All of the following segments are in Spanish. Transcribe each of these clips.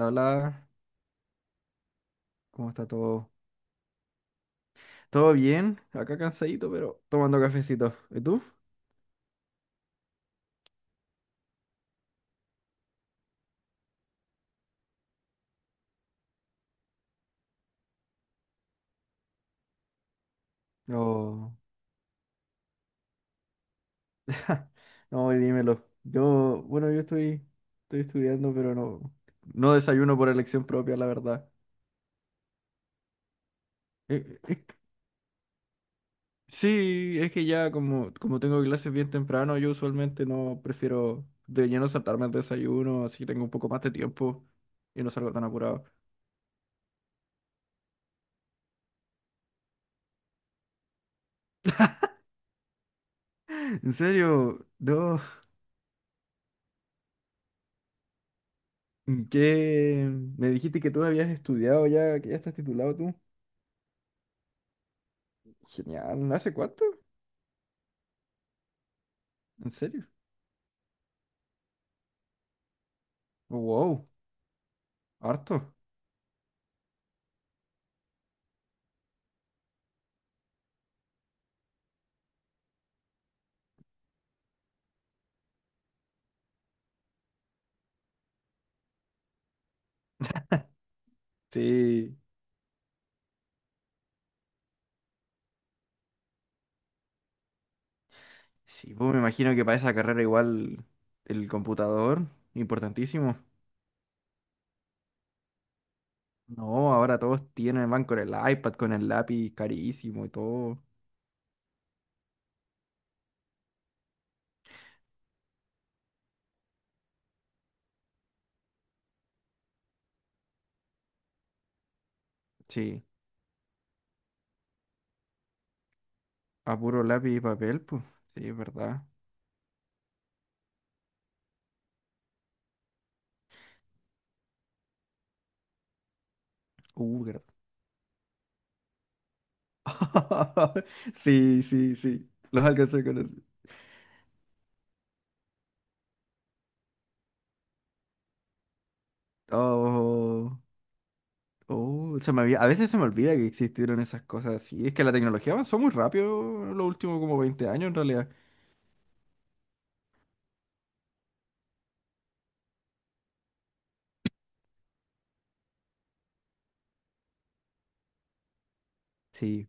La bla, ¿cómo está todo? ¿Todo bien? Acá cansadito, pero tomando cafecito. ¿Y tú? No. No, y dímelo. Yo, bueno, yo estoy estudiando, pero no, no desayuno por elección propia, la verdad. Eh, eh, sí, es que ya como tengo clases bien temprano, yo usualmente no prefiero de lleno saltarme el desayuno, así tengo un poco más de tiempo y no salgo tan apurado. En serio, no. ¿Y qué? Me dijiste que tú habías estudiado ya, que ya estás titulado tú. Genial, ¿hace cuánto? ¿En serio? Wow, harto. Sí, sí, pues me imagino que para esa carrera igual el computador, importantísimo. No, ahora todos tienen, van con el iPad, con el lápiz carísimo y todo. Sí, a puro lápiz y papel, pues. Sí, es verdad. Verdad. Sí, sí, sí. Los alcancé a conocer. Oh. Oh, a veces se me olvida que existieron esas cosas así. Es que la tecnología avanzó muy rápido en los últimos como 20 años en realidad. Sí,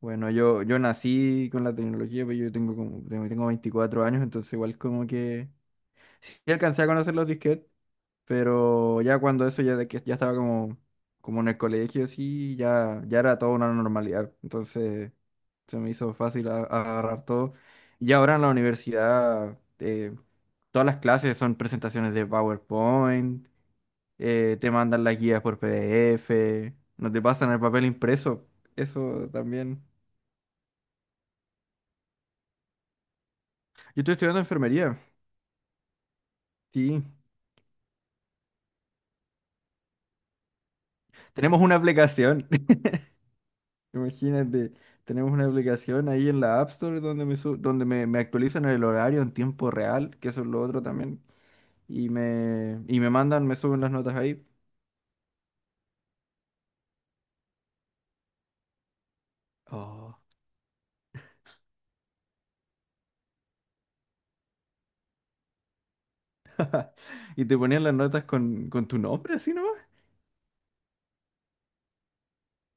bueno, yo nací con la tecnología, pero yo tengo como, tengo 24 años, entonces igual como que sí alcancé a conocer los disquetes, pero ya cuando eso, ya de que ya estaba como, como en el colegio, sí, ya, ya era toda una normalidad. Entonces se me hizo fácil agarrar todo. Y ahora en la universidad, todas las clases son presentaciones de PowerPoint, te mandan las guías por PDF, no te pasan el papel impreso. Eso también. Yo estoy estudiando enfermería, sí. Tenemos una aplicación. Imagínate, tenemos una aplicación ahí en la App Store donde me, su- donde me actualizan el horario en tiempo real, que eso es lo otro también, y me mandan, me suben las notas ahí. Oh. Y te ponían las notas con tu nombre así nomás.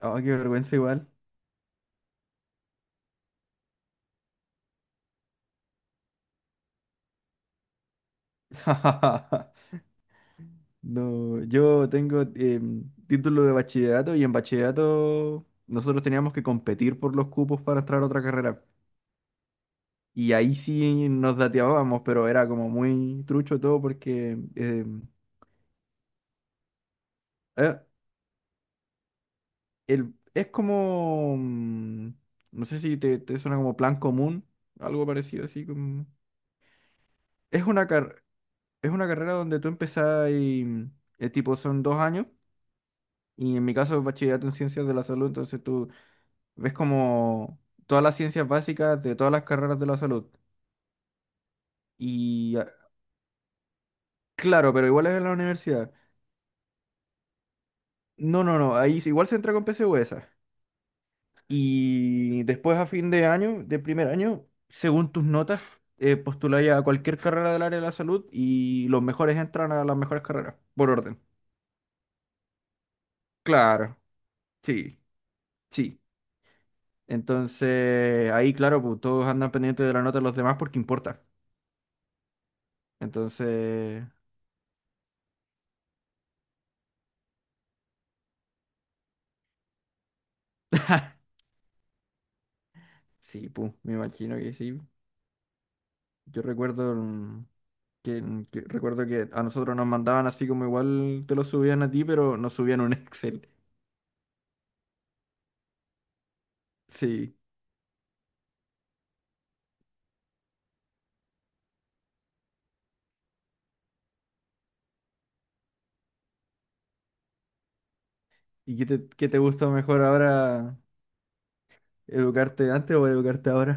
Oh, qué vergüenza igual. No, yo tengo título de bachillerato y en bachillerato nosotros teníamos que competir por los cupos para entrar a otra carrera. Y ahí sí nos dateábamos, pero era como muy trucho todo porque Eh, el, es como, no sé si te suena como plan común, algo parecido así como... Es una, car- es una carrera donde tú empezás y tipo son 2 años y en mi caso es bachillerato en ciencias de la salud, entonces tú ves como todas las ciencias básicas de todas las carreras de la salud. Y claro, pero igual es en la universidad. No, no, no, ahí sí, igual se entra con PSU. Y después a fin de año, de primer año, según tus notas, postuláis a cualquier carrera del área de la salud y los mejores entran a las mejores carreras, por orden. Claro, sí, sí. Entonces, ahí, claro, pues, todos andan pendientes de la nota de los demás porque importa. Entonces, sí, pues, me imagino que sí. Yo recuerdo mm, que- recuerdo que a nosotros nos mandaban así como igual te lo subían a ti, pero nos subían un Excel. Sí. ¿Y qué te gusta mejor ahora? ¿Educarte antes o educarte ahora?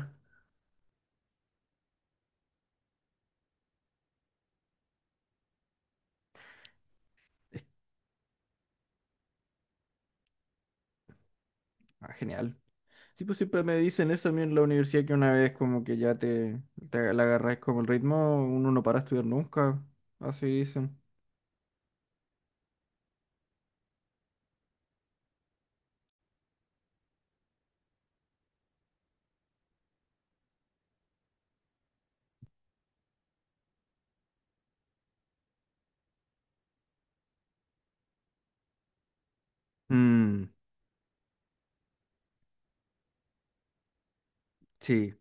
Ah, genial. Sí, pues siempre me dicen eso a mí en la universidad que una vez como que ya te agarras como el ritmo, uno no para de estudiar nunca. Así dicen. Mm, sí.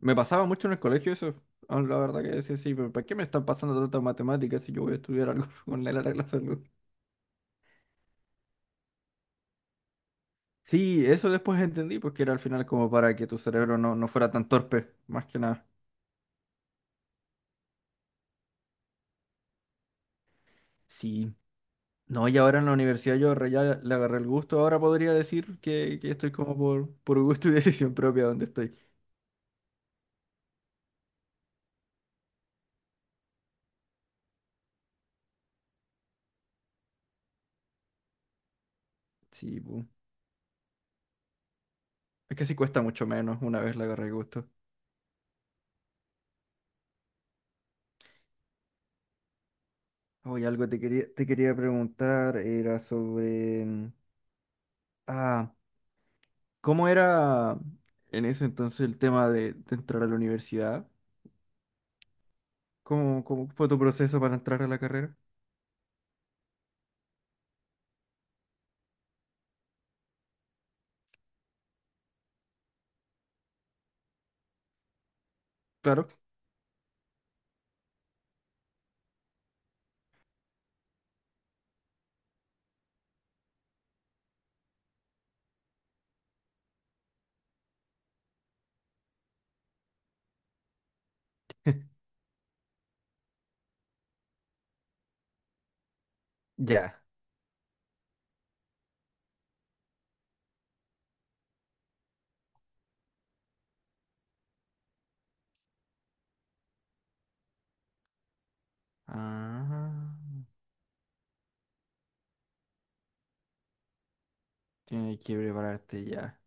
Me pasaba mucho en el colegio eso. La verdad que decía, sí, pero ¿para qué me están pasando tantas matemáticas si yo voy a estudiar algo con la salud? Sí, eso después entendí, pues que era al final como para que tu cerebro no fuera tan torpe, más que nada. Sí. No, y ahora en la universidad yo ya le agarré el gusto. Ahora podría decir que estoy como por gusto y decisión propia donde estoy. Sí, pu. Es que sí cuesta mucho menos una vez le agarré el gusto. Oye, algo te quería preguntar era sobre... Ah, ¿cómo era en ese entonces el tema de entrar a la universidad? ¿Cómo fue tu proceso para entrar a la carrera? Claro. Ya. Ah, tienes que prepararte ya.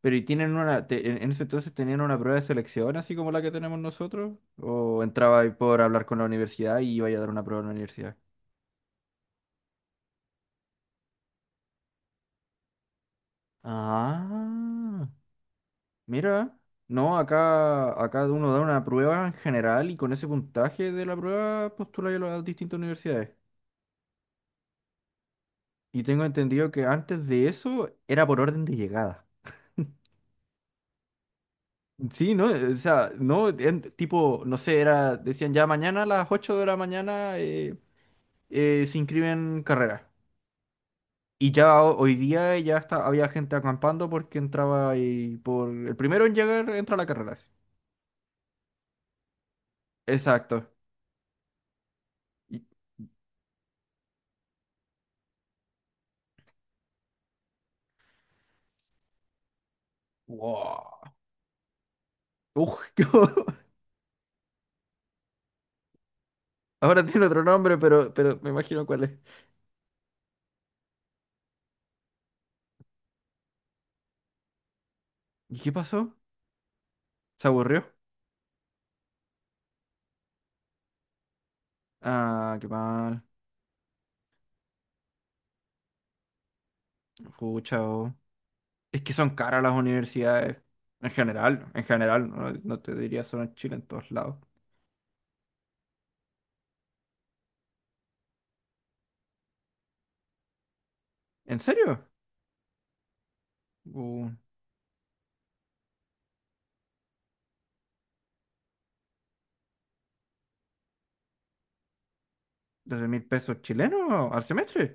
Pero y tienen una, en ese entonces tenían una prueba de selección así como la que tenemos nosotros, o entraba ahí por hablar con la universidad y iba a dar una prueba en la universidad. Ah, mira, no, acá uno da una prueba en general y con ese puntaje de la prueba postula a las distintas universidades. Y tengo entendido que antes de eso era por orden de llegada. Sí, no, o sea, no, tipo, no sé, era, decían ya mañana a las 8 de la mañana se inscriben carreras. Y ya hoy día ya está, había gente acampando porque entraba ahí por el primero en llegar entra a la carrera. Sí. Exacto. Y- wow. Uf, qué bo- Ahora tiene otro nombre, pero me imagino cuál es. ¿Y qué pasó? ¿Se aburrió? Ah, qué mal. Pucha, oh. Es que son caras las universidades. En general, no, no te diría solo en Chile, en todos lados. ¿En serio? Uh, ¿12 mil pesos chilenos al semestre?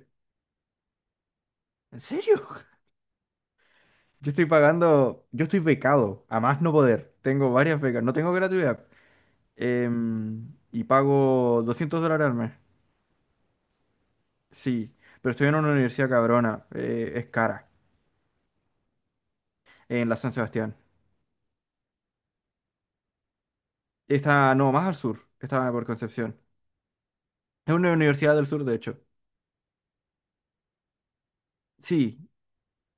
¿En serio? Yo estoy pagando, yo estoy becado, a más no poder. Tengo varias becas, no tengo gratuidad. Y pago $200 al mes. Sí, pero estoy en una universidad cabrona, es cara, en la San Sebastián. Está, no, más al sur, está por Concepción. Es una universidad del sur, de hecho. Sí,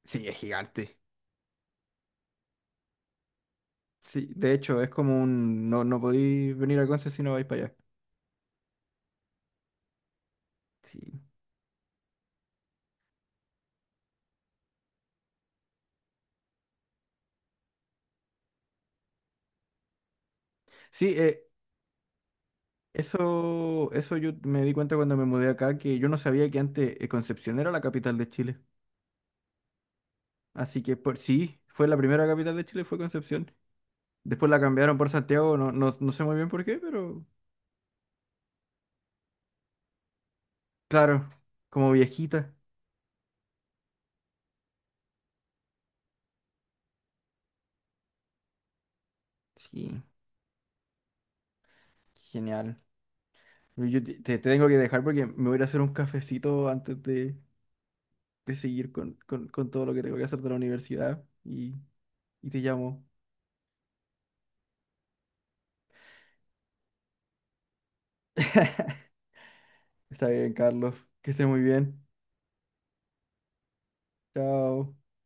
sí, es gigante. Sí, de hecho, es como un, no, no podéis venir a Conce si no vais para allá. Sí, sí, eso, eso yo me di cuenta cuando me mudé acá, que yo no sabía que antes Concepción era la capital de Chile. Así que por, sí, fue la primera capital de Chile, fue Concepción. Después la cambiaron por Santiago, no, no, no sé muy bien por qué, pero claro, como viejita. Sí, genial. Yo te tengo que dejar porque me voy a ir a hacer un cafecito antes de seguir con, con todo lo que tengo que hacer de la universidad y te llamo. Está bien, Carlos. Que estés muy bien. Chao.